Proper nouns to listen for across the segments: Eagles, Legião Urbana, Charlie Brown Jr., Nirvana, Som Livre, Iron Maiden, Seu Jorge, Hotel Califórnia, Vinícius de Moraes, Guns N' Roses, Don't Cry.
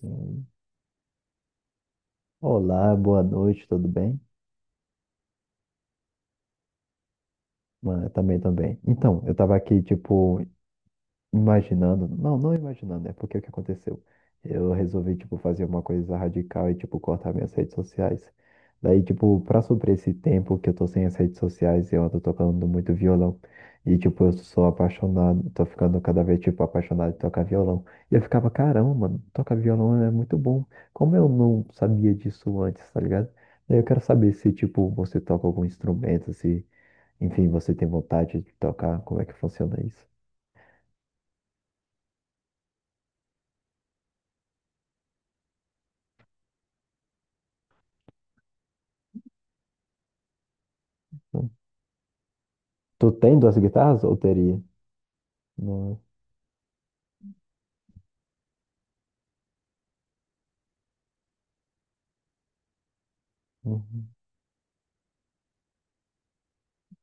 Sim. Olá, boa noite, tudo bem? Mano, eu também, também. Eu tava aqui, imaginando. Não imaginando, é porque o que aconteceu? Eu resolvi, fazer uma coisa radical e, cortar minhas redes sociais. Pra suprir esse tempo que eu tô sem as redes sociais, eu ando tocando muito violão. E, eu sou apaixonado, tô ficando cada vez, apaixonado de tocar violão. E eu ficava, caramba, mano, tocar violão é muito bom. Como eu não sabia disso antes, tá ligado? Daí eu quero saber se, você toca algum instrumento, se, enfim, você tem vontade de tocar, como é que funciona isso? Tu tem duas guitarras ou teria? Não. Uhum,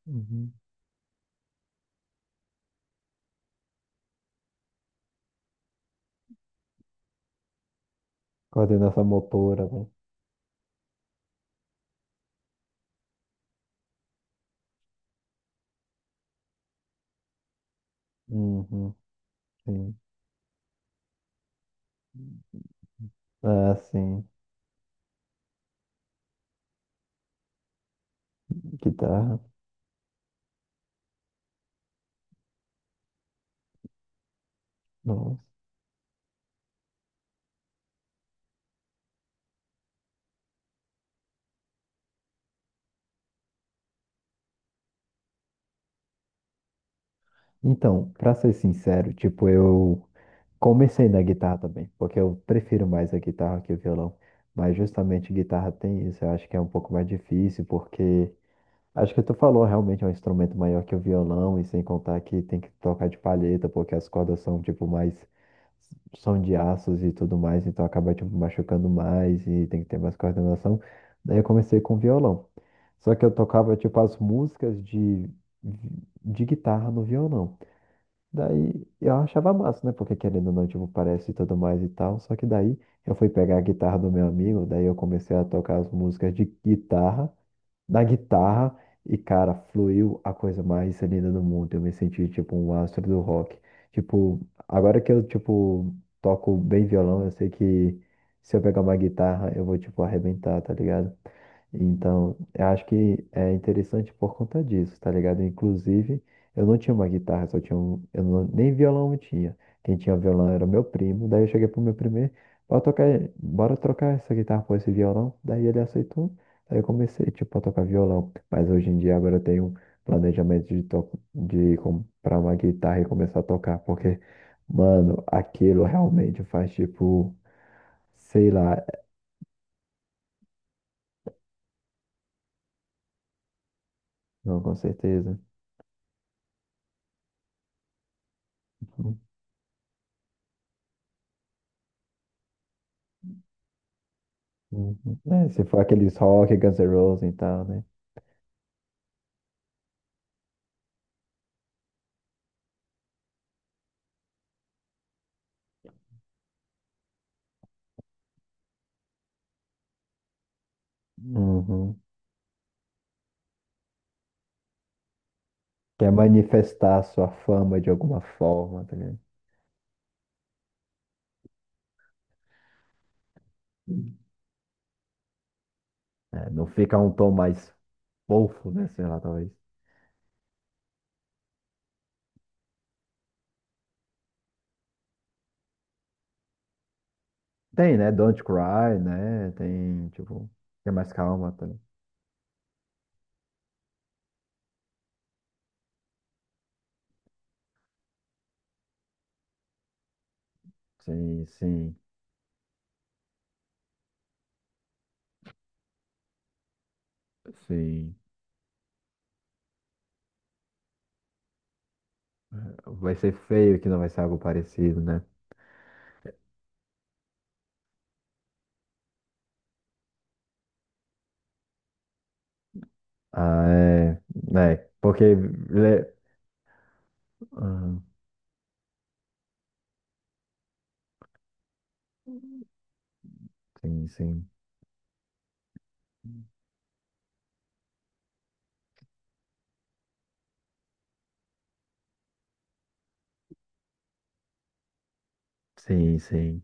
uhum. Coordenação motora, né? Uhum, sim. Ah, sim. Guitarra. Nossa. Então, pra ser sincero, eu comecei na guitarra também, porque eu prefiro mais a guitarra que o violão. Mas justamente guitarra tem isso, eu acho que é um pouco mais difícil, porque acho que tu falou, realmente é um instrumento maior que o violão, e sem contar que tem que tocar de palheta, porque as cordas mais, são de aços e tudo mais, então acaba machucando mais e tem que ter mais coordenação. Daí eu comecei com violão. Só que eu tocava tipo as músicas de guitarra no violão. Daí eu achava massa, né? Porque querendo ou não, parece e tudo mais e tal. Só que daí eu fui pegar a guitarra do meu amigo, daí eu comecei a tocar as músicas de guitarra e, cara, fluiu a coisa mais linda do mundo. Eu me senti tipo um astro do rock. Tipo, Agora que eu toco bem violão, eu sei que se eu pegar uma guitarra, eu vou tipo arrebentar, tá ligado? Então, eu acho que é interessante por conta disso, tá ligado? Inclusive, eu não tinha uma guitarra, só tinha eu nem violão eu tinha. Quem tinha violão era meu primo. Daí eu cheguei pro meu primo, bora tocar, bora trocar essa guitarra por esse violão. Daí ele aceitou. Aí eu comecei, a tocar violão. Mas hoje em dia agora eu tenho um planejamento de comprar uma guitarra e começar a tocar. Porque, mano, aquilo realmente faz, sei lá. Não, com certeza. Uhum. É, se for aqueles rock, Guns N' Roses e tal, né? Uhum. Quer manifestar sua fama de alguma forma, tá ligado? Uhum. É, não fica um tom mais fofo, né? Sei lá, talvez. Tem, né? Don't Cry, né? Tem, que é mais calma, tá? Sim, sim, sim. Vai ser feio que não vai ser algo parecido, né? Ah, é, né? Ah, sim, sim, sim, sim.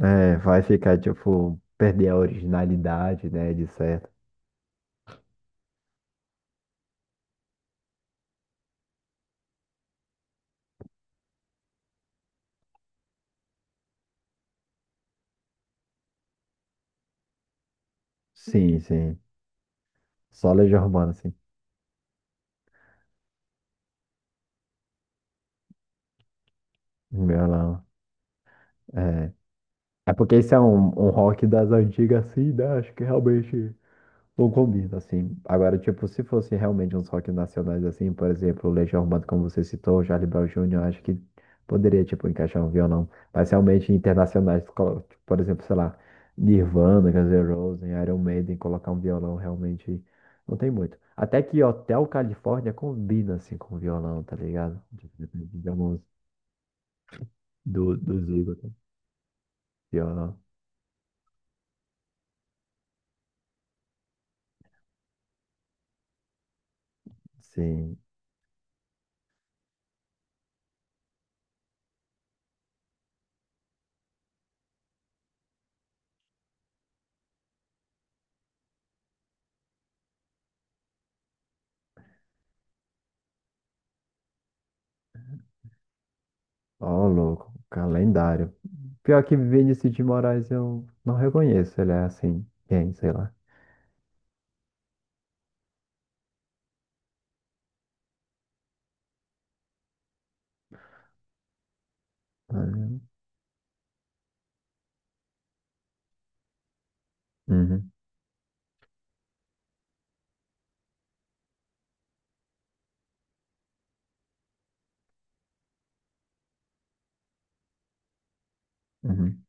É, vai ficar, perder a originalidade, né? De certo. Sim, sim. Só Legião Urbana, sim. Violão. É. É porque esse é um rock das antigas, assim, né? Acho que realmente não combina, assim. Agora, se fosse realmente uns rock nacionais, assim, por exemplo, Legião Urbana, como você citou, Charlie Brown Jr., acho que poderia, encaixar um violão. Mas realmente internacionais, por exemplo, sei lá, Nirvana, Guns N' Roses, Iron Maiden, colocar um violão realmente não tem muito. Até que Hotel Califórnia combina, assim, com violão, tá ligado? Depende de alguns dos Eagles, né? Violão. Sim. Ó, louco, calendário. Pior que Vinícius de Moraes eu não reconheço, ele é assim, quem, sei lá. Tá vendo? Uhum, uhum.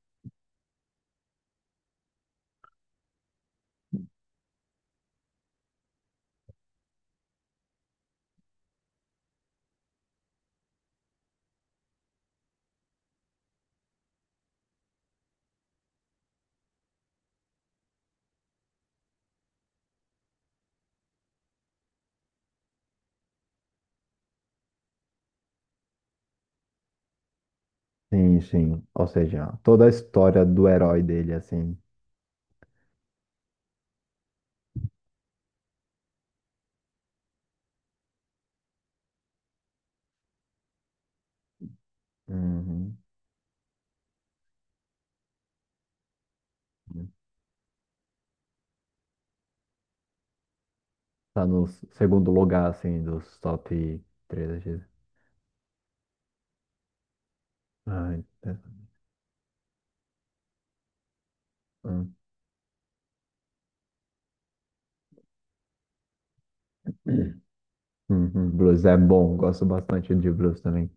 Sim, sim. Ou seja, toda a história do herói dele, assim. Uhum, uhum. Tá no segundo lugar, assim, dos top 3 aqui. Ai, é. Hum. Uhum. Uhum. Blues é bom, gosto bastante de blues também.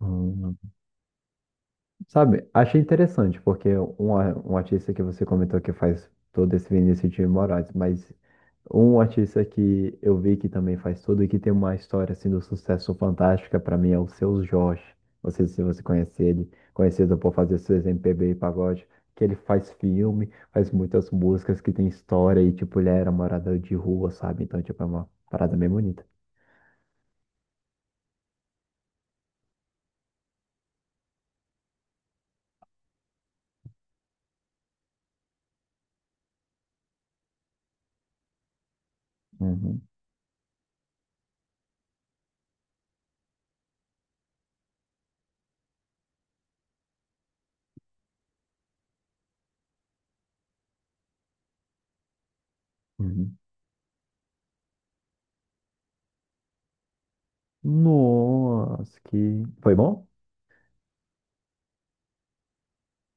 Uhum. Sabe, achei interessante, porque um artista que você comentou que faz todo esse Vinícius de Moraes, mas um artista que eu vi que também faz tudo e que tem uma história assim do sucesso fantástica para mim é o Seu Jorge. Não sei se você conhece ele, conhecido por fazer seus MPB e pagode, que ele faz filme, faz muitas músicas que tem história e tipo ele era morador de rua, sabe? Então tipo é uma parada bem bonita. Uhum, uhum. Nossa, que foi bom?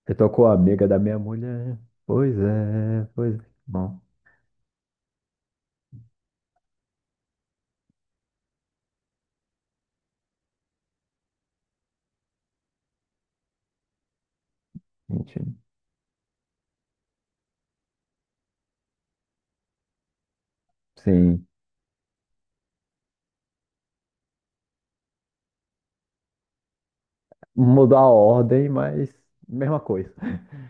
Você tocou a amiga da minha mulher? Pois é, pois é. Bom, gente, sim. Mudou a ordem, mas mesma coisa.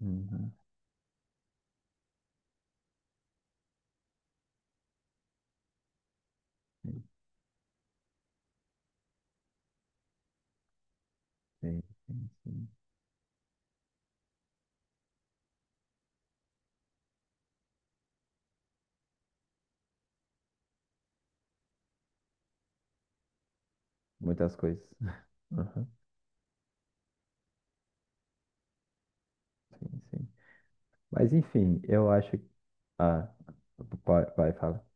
Uhum, sim, sim, sim, sim. Muitas coisas. Uhum, sim, sim. Mas enfim, eu acho que. Ah, vai, vai, fala.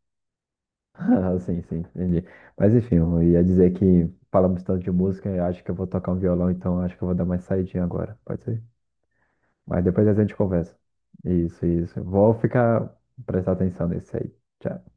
Ah, sim, sim, entendi. Mas enfim, eu ia dizer que falamos tanto de música, eu acho que eu vou tocar um violão, então eu acho que eu vou dar mais saidinha agora. Pode ser? Mas depois a gente conversa. Isso, isso. Vou ficar prestar atenção nesse aí. Tchau.